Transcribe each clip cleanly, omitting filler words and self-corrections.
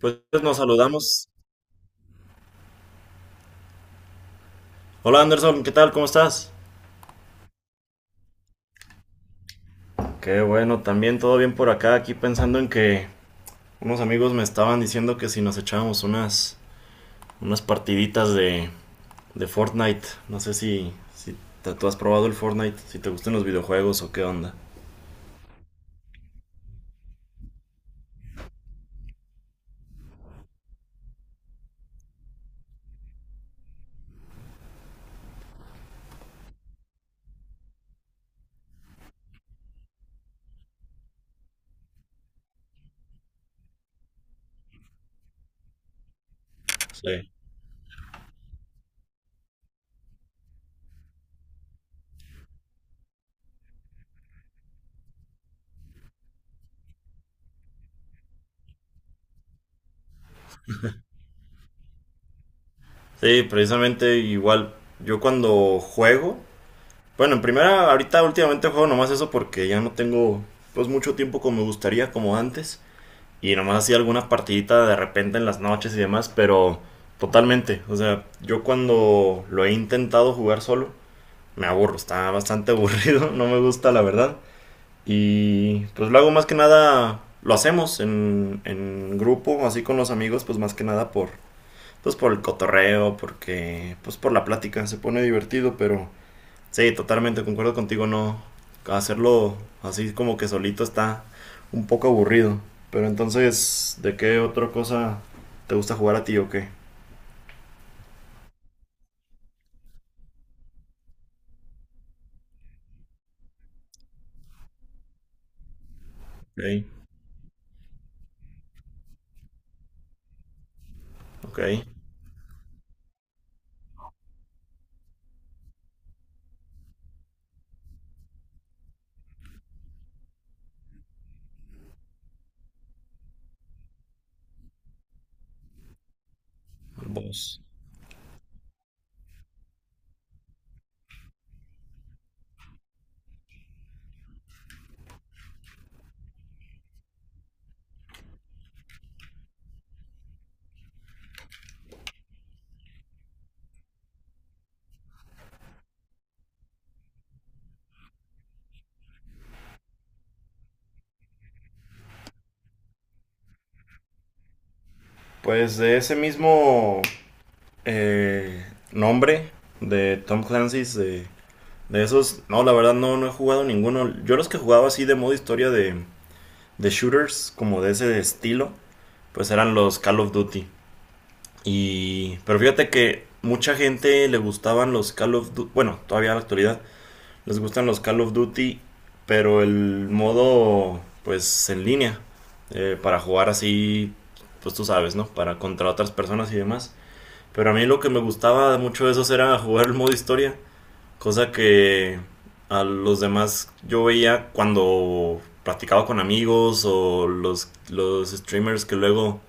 Pues nos saludamos. Hola Anderson, ¿qué tal? ¿Cómo estás? Qué bueno, también todo bien por acá, aquí pensando en que unos amigos me estaban diciendo que si nos echábamos unas partiditas de Fortnite, no sé si tú has probado el Fortnite, si te gustan los videojuegos o qué onda. Sí. Sí, precisamente igual. Yo cuando juego, bueno, en primera, ahorita últimamente juego nomás eso porque ya no tengo pues mucho tiempo como me gustaría, como antes. Y nomás hacía algunas partiditas de repente en las noches y demás, pero totalmente. O sea, yo cuando lo he intentado jugar solo, me aburro, está bastante aburrido, no me gusta la verdad. Y pues lo hago más que nada, lo hacemos en grupo, así con los amigos, pues más que nada pues por el cotorreo, porque pues por la plática, se pone divertido, pero. Sí, totalmente, concuerdo contigo, ¿no? Hacerlo así como que solito está un poco aburrido. Pero entonces, ¿de qué otra cosa te gusta jugar a ti o qué? Ok, ok. Vos. Pues de ese mismo eh, nombre de Tom Clancy's, de esos, no, la verdad no he jugado ninguno. Yo los que jugaba así de modo historia de shooters, como de ese estilo, pues eran los Call of Duty. Pero fíjate que mucha gente le gustaban los Call of Duty, bueno, todavía en la actualidad les gustan los Call of Duty, pero el modo pues en línea para jugar así, pues tú sabes, ¿no? Para contra otras personas y demás. Pero a mí lo que me gustaba mucho de esos era jugar el modo historia, cosa que a los demás yo veía cuando practicaba con amigos o los streamers que luego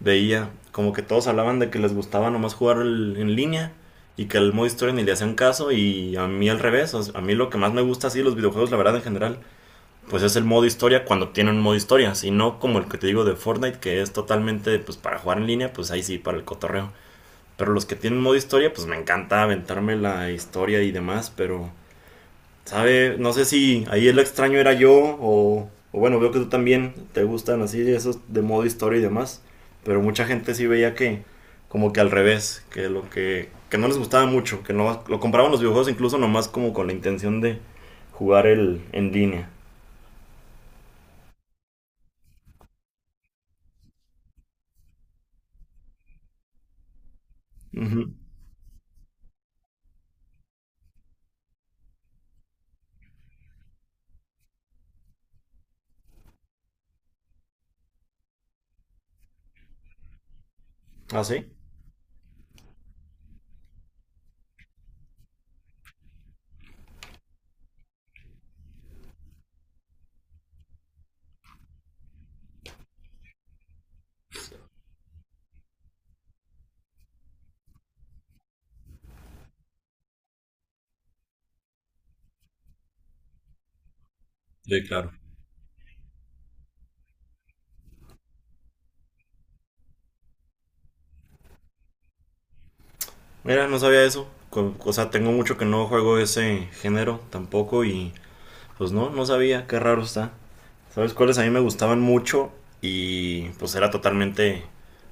veía como que todos hablaban de que les gustaba nomás jugar en línea, y que el modo historia ni le hacían caso, y a mí al revés. O sea, a mí lo que más me gusta así los videojuegos, la verdad en general, pues es el modo historia cuando tienen un modo historia, si no como el que te digo de Fortnite, que es totalmente pues para jugar en línea, pues ahí sí para el cotorreo. Pero los que tienen modo historia, pues me encanta aventarme la historia y demás, pero. Sabe, no sé si ahí el extraño era yo o bueno, veo que tú también te gustan así esos de modo historia y demás, pero mucha gente sí veía que como que al revés, que no les gustaba mucho, que no, lo compraban los videojuegos incluso nomás como con la intención de jugar el en línea. Ujú. ¿Ah, sí? Sí, claro. Mira, no sabía eso. O sea, tengo mucho que no juego ese género tampoco y pues no sabía, qué raro está. ¿Sabes cuáles a mí me gustaban mucho? Y pues era totalmente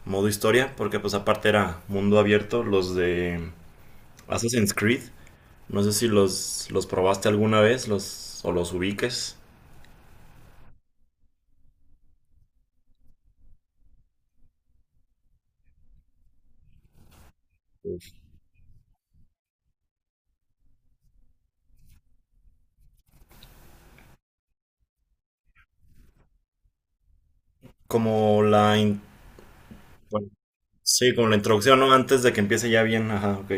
modo historia, porque pues aparte era mundo abierto, los de Assassin's Creed. No sé si los probaste alguna vez o los ubiques. Uf. Como la... in- bueno, sí, como la introducción, ¿no? Antes de que empiece ya bien, ajá, ok.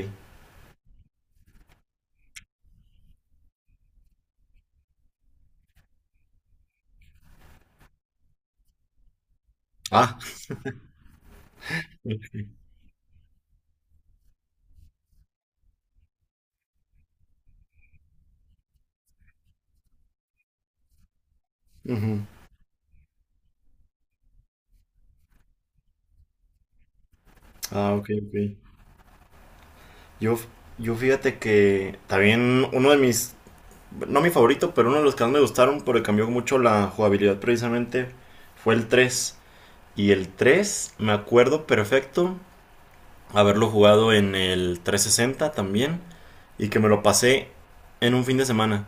Ah, ok. Ujú. Ah, ok, ok. Yo, yo fíjate que también, uno de mis no mi favorito, pero uno de los que más me gustaron porque cambió mucho la jugabilidad precisamente, fue el tres. Y el 3 me acuerdo perfecto haberlo jugado en el 360 también, y que me lo pasé en un fin de semana.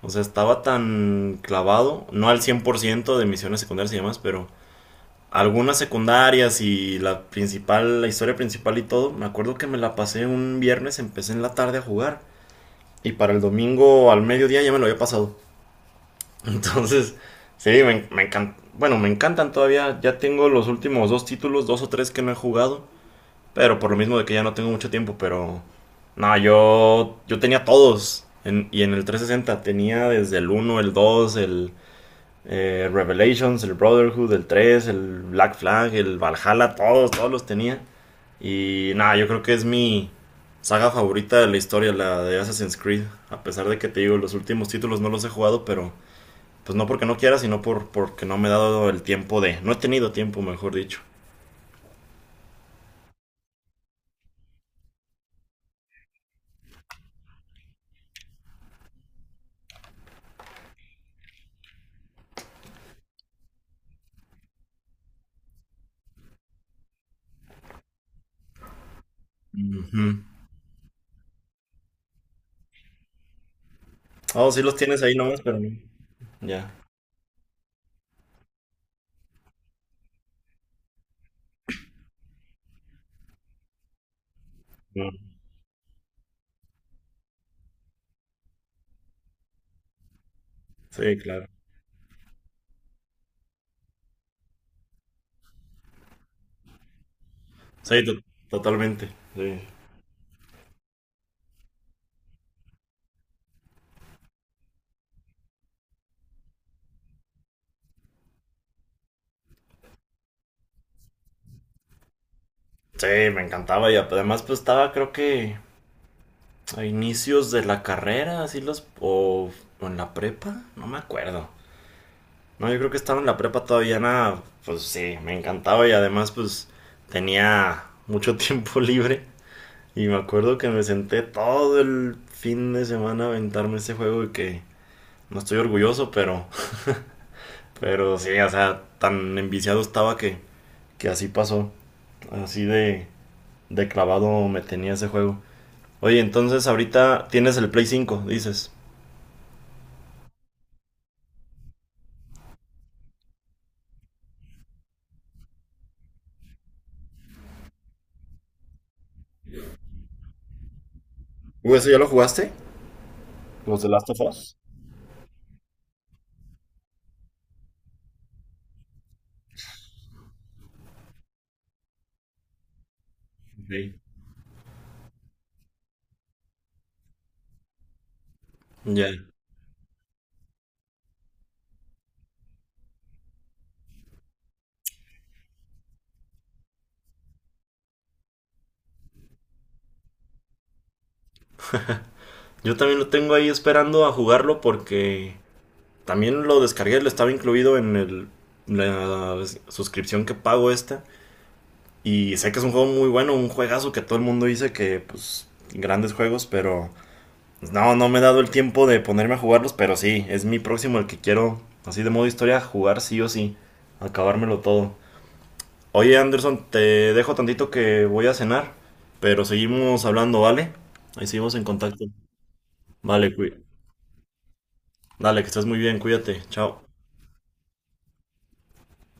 O sea, estaba tan clavado, no al 100% de misiones secundarias y demás, pero algunas secundarias y la principal, la historia principal y todo. Me acuerdo que me la pasé un viernes, empecé en la tarde a jugar, y para el domingo al mediodía ya me lo había pasado. Entonces sí, me encanta. Bueno, me encantan todavía. Ya tengo los últimos dos títulos, dos o tres, que no he jugado. Pero por lo mismo de que ya no tengo mucho tiempo, pero. No, Yo tenía todos. Y en el 360 tenía desde el uno, el dos, el Revelations, el Brotherhood, el tres, el Black Flag, el Valhalla, todos, todos los tenía. Y nada, yo creo que es mi saga favorita de la historia, la de Assassin's Creed. A pesar de que te digo, los últimos títulos no los he jugado, pero pues no porque no quiera, sino porque no me he dado el tiempo no he tenido tiempo, mejor dicho. Ujú. Oh, sí los tienes ahí nomás, pero no. Ya. No. Sí, claro. Sí, totalmente. Sí. Sí, me encantaba, y además pues estaba creo que a inicios de la carrera, así o en la prepa, no me acuerdo. No, yo creo que estaba en la prepa todavía, nada, pues sí, me encantaba, y además pues tenía mucho tiempo libre. Y me acuerdo que me senté todo el fin de semana a aventarme ese juego, y que no estoy orgulloso, pero, sí, o sea, tan enviciado estaba, que así pasó. Así de clavado me tenía ese juego. Oye, entonces ahorita tienes el Play 5, dices. ¿Eso ya lo jugaste? ¿Los de Last of Us? Sí. Ya. Yo también lo tengo ahí esperando a jugarlo, porque también lo descargué, lo estaba incluido la suscripción que pago esta. Y sé que es un juego muy bueno, un juegazo que todo el mundo dice que, pues, grandes juegos, pero pues, no me he dado el tiempo de ponerme a jugarlos, pero sí, es mi próximo el que quiero, así de modo historia, jugar sí o sí, acabármelo todo. Oye, Anderson, te dejo tantito que voy a cenar, pero seguimos hablando, ¿vale? Ahí seguimos en contacto. Vale, dale, que estés muy bien, cuídate, chao.